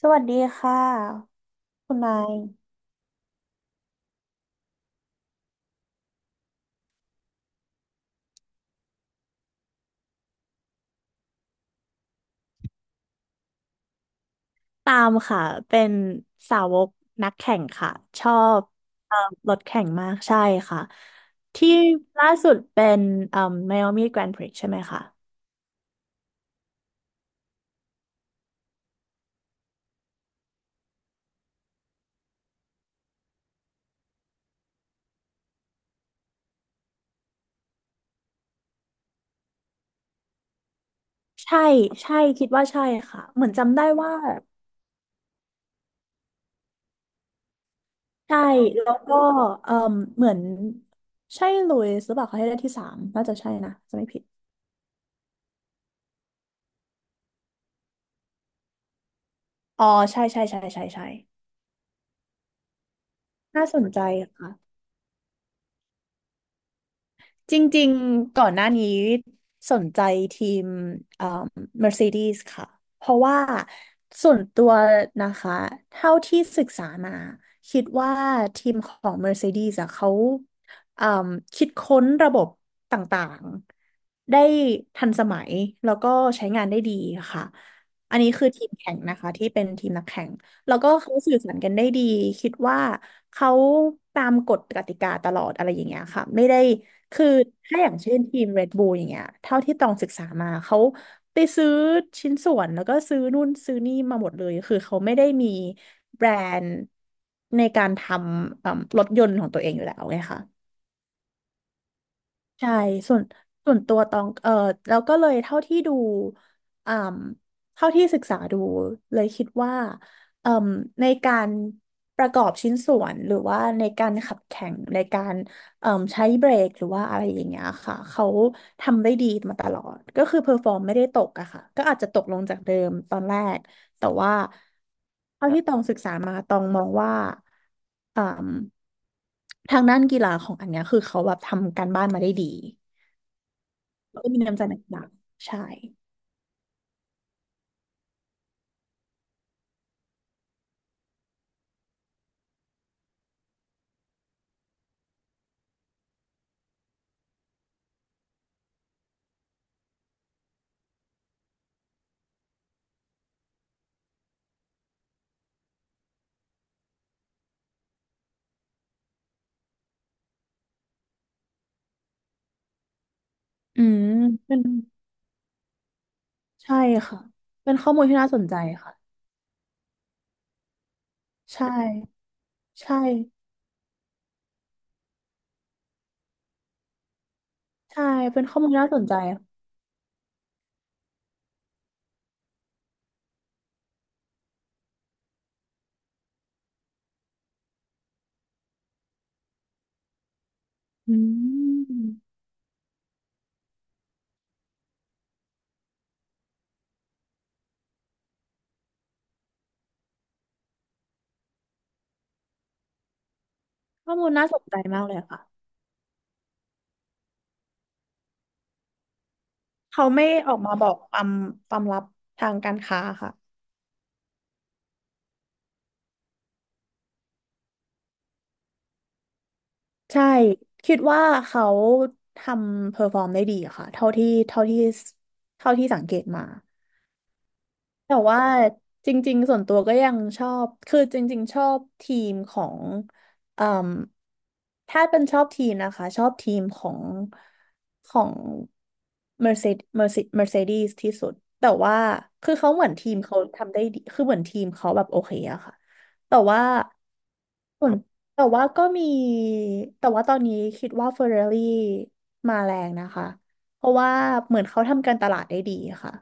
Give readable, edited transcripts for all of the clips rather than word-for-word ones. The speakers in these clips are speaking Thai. สวัสดีค่ะคุณนายตามค่ะเป็นสาวกนักแข่งค่ะชอบเอ่อรถแข่งมากใช่ค่ะที่ล่าสุดเป็นเอ่อไมอามี่แกรนด์พริกใช่ไหมคะใช่ใช่คิดว่าใช่ค่ะเหมือนจำได้ว่าใช่แล้วก็เอ่อเหมือนใช่ลุยส์หรือเปล่าเขาให้ได้ที่สามน่าจะใช่นะจะไม่ผิดอ๋อใช่ใช่ใช่ใช่ใช่น่าสนใจ จริงๆก่อนหน้านี้สนใจทีมเอ่อ Mercedes ค่ะ เพราะว่าส่วนตัวนะคะเท่าที่ศึกษามาคิดว่าทีมของ Mercedes อะเขาเอ่มคิดค้นระบบต่างๆได้ทันสมัยแล้วก็ใช้งานได้ดีค่ะ อันนี้คือทีมแข่งนะคะที่เป็นทีมนักแข่ง แล้วก็เขาสื่อสารกันได้ดีคิดว่าเขาตามกฎกติกาตลอดอะไรอย่างเงี้ยค่ะไม่ได้คือถ้าอย่างเช่นทีม Red Bull อย่างเงี้ยเท่าที่ตองศึกษามาเขาไปซื้อชิ้นส่วนแล้วก็ซื้อนู่นซื้อนี่มาหมดเลยคือเขาไม่ได้มีแบรนด์ในการทำเอิ่มรถยนต์ของตัวเองอยู่แล้วไงคะ ใช่ส่วนส่วนตัวตองแล้วก็เลยเท่าที่ดูอ่มเท่าที่ศึกษาดูเลยคิดว่าเอ่มในการประกอบชิ้นส่วนหรือว่าในการขับแข่งในการเอ่มใช้เบรกหรือว่าอะไรอย่างเงี้ยค่ะเขาทำได้ดีมาตลอดก็คือเพอร์ฟอร์มไม่ได้ตกอะค่ะก็อาจจะตกลงจากเดิมตอนแรก แต่ว่าเท่าที่ตองศึกษามาตองมองว่าอ่ทางด้านกีฬาของอันเนี้ยคือเขาแบบทำการบ้านมาได้ดีแล้วก็มีน้ำใจนักกีฬาใช่อืมเป็นใช่ค่ะเป็นข้อมูลที่น่าสนใจค่ะใช่ใช่ใช่ เป็นข้อมูลที่น่าสนใจค่ะอืมข้อมูลน่าสนใจมากเลยค่ะเขาไม่ออกมาบอกความลับทางการค้าค่ะ ใช่คิดว่าเขาทำเพอร์ฟอร์มได้ดีอะค่ะเท่าที่สังเกตมาแต่ว่าจริงๆส่วนตัวก็ยังชอบคือจริงๆชอบทีมของเอ่มถ้าเป็นชอบทีมนะคะชอบทีมของของ Mercedes Mercedes Mercedes ที่สุดแต่ว่าคือเขาเหมือนทีมเขาทำได้ดีคือเหมือนทีมเขาแบบโอเคอะค่ะแต่ว่า ส่วนแต่ว่าก็มีแต่ว่าตอนนี้คิดว่าเฟอร์รารี่มาแรงนะคะเพราะว่าเหมือนเขาทำการตลาดได้ดีค่ะ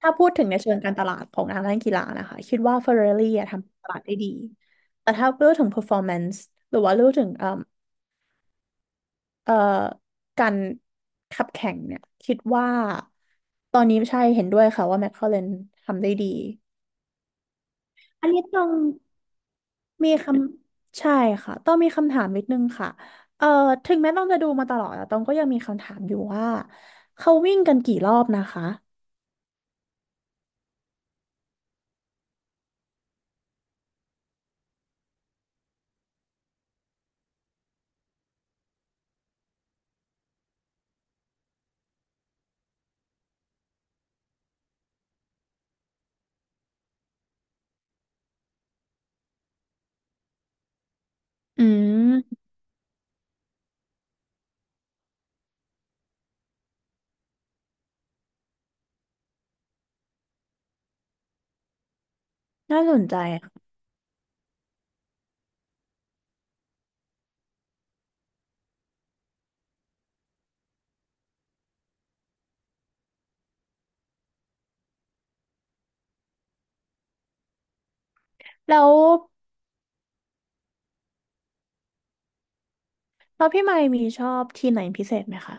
ถ้าพูดถึงในเชิงการตลาดของนังเล่นกีฬานะคะคิดว่าเฟอร์รารี่ทำตลาดได้ดีแต่ถ้าเรื่องถึง performance หรือว่าเรื่องถึงเอ่อการขับแข่งเนี่ยคิดว่าตอนนี้ใช่เห็นด้วยค่ะว่าแมคลาเรนทำได้ดี อันนี้ต้องมีคำใช่ค่ะต้องมีคำถามนิดนึงค่ะเอ่อถึงแม้ต้องจะดูมาตลอดแต่ต้องก็ยังมีคำถามอยู่ว่าเขาวิ่งกันกี่รอบนะคะอืมน่าสนใจค่ะแล้วแล้วพี่ไมค์มีชอบทีมไหนพิเศษไหมคะ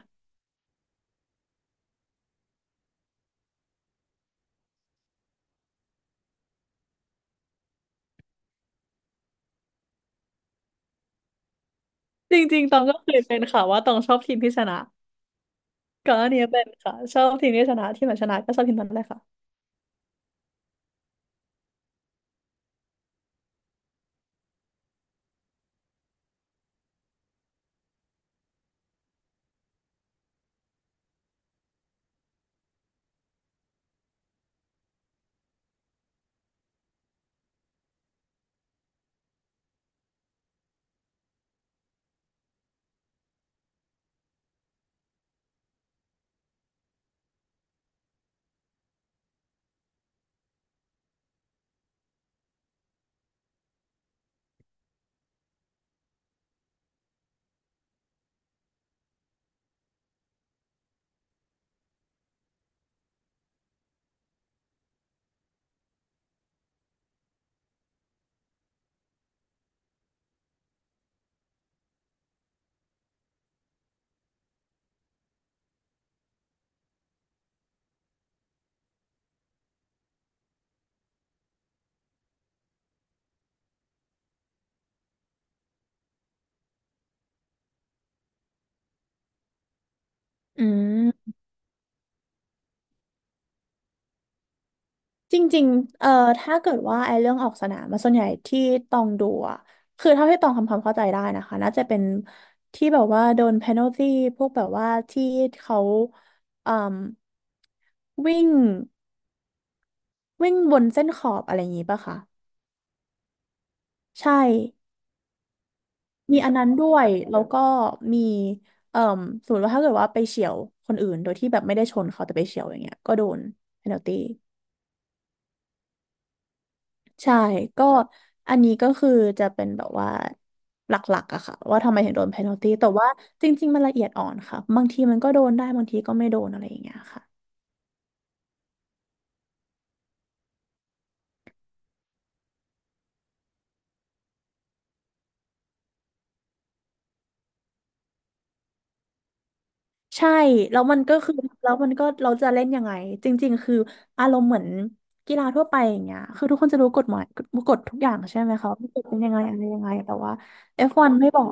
จริงๆตองก็เคยเป็นค่ะว่าตองชอบทีมที่ชนะก่อนหน้านี้เป็นค่ะชอบทีมที่ชนะทีมไหนชนะก็ชอบทีมนั้นเลยค่ะอืม จริงๆถ้าเกิดว่าไอ้เรื่องออกสนามมาส่วนใหญ่ที่ตองดูอะคือเท่าที่ตองทำความเข้าใจได้นะคะน่าจะเป็นที่แบบว่าโดนเพนัลตี้พวกแบบว่าที่เขาเอ่มวิ่งวิ่งบนเส้นขอบอะไรอย่างงี้ป่ะคะใช่มีอันนั้นด้วยแล้วก็มีเอ่มสมมติว่าถ้าเกิดว่าไปเฉี่ยวคนอื่นโดยที่แบบไม่ได้ชนเขาแต่ไปเฉี่ยวอย่างเงี้ยก็โดนเพนัลตี้ ใช่ก็อันนี้ก็คือจะเป็นแบบว่าหลักๆอะค่ะว่าทำไมถึงโดน p พ n น l t ตีแต่ว่าจริงๆมันละเอียดอ่อนค่ะบางทีมันก็โดนได้บางทีก็ไม่โดนอะไรอย่างเงี้ยค่ะใช่แล้วมันก็คือแล้วมันก็เราจะเล่นยังไงจริงๆคืออารมณ์เหมือนกีฬาทั่วไปอย่างเงี้ยคือทุกคนจะรู้กฎหมายกฎทุกอย่างใช่ไหมคะว่ากฎเป็นยังไงอะไรยังไงแต่ว่าเอฟวันไม่บอก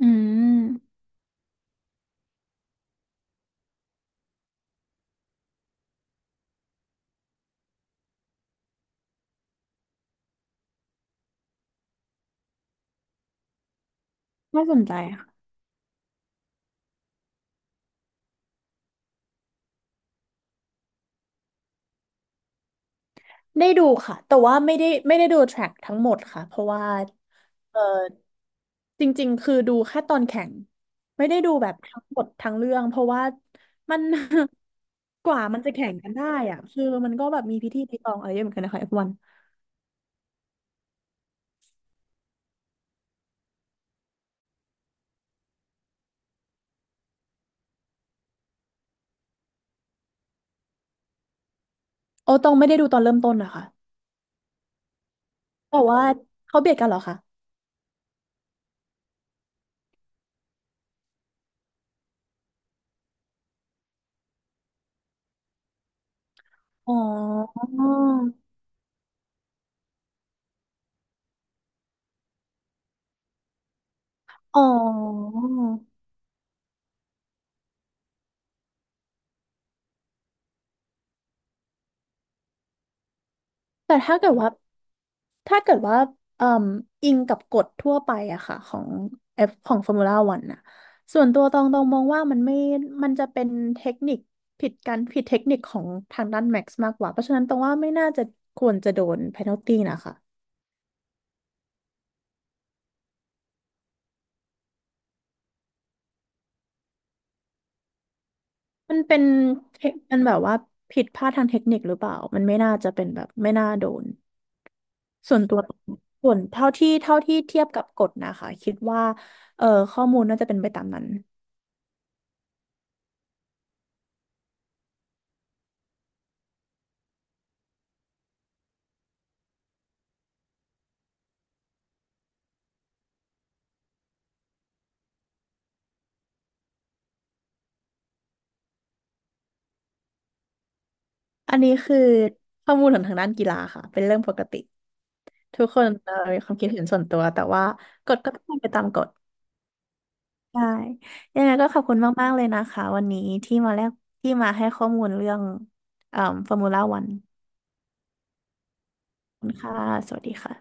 อืมน่าสนใจ ได้ดูค่ะแต่ว่าไม่ได้ดูแทร็กทั้งหมดค่ะเพราะว่าเออจริงๆคือดูแค่ตอนแข่งไม่ได้ดูแบบทั้งหมดทั้งเรื่องเพราะว่ามัน กว่ามันจะแข่งกันได้อะคือมันก็แบบมีพิธีรีตองอะไรเยอะเหมือนกันนะคะเอฟวันโอ้ตองไม่ได้ดูตอนเริ่มต้นนะคะแต่ว่าเขาเบียดกันเหรอคะอ๋ออ๋อ แต่ถ้าเกิดว่าเอ่มอิงกับกฎทั่วไปอะค่ะของเอฟของฟอร์มูล่าวันอะส่วนตัวตองมองว่ามันไม่มันจะเป็นเทคนิคผิดกันผิดเทคนิคของทางด้านแม็กซ์มากกว่าเพราะฉะนั้นตองว่าไม่น่าจะควรจะโดน p พ n น l t ตีนะคะมันเป็นเทคมันแบบว่าผิดพลาดทางเทคนิคหรือเปล่ามันไม่น่าจะเป็นแบบไม่น่าโดนส่วนตัวส่วนเท่าที่เทียบกับกฎนะคะคิดว่าเออข้อมูลน่าจะเป็นไปตามนั้น อันนี้คือข้อมูลของทางด้านกีฬาค่ะเป็นเรื่องปกติทุกคนมีความคิดเห็นส่วนตัวแต่ว่ากฎก็ต้องเป็นไปตามกฎใช่ยังไงก็ขอบคุณมากๆเลยนะคะวันนี้ที่มาแลกที่มาให้ข้อมูลเรื่องเอ่อฟอร์มูล่าวันคุณค่ะสวัสดีค่ะ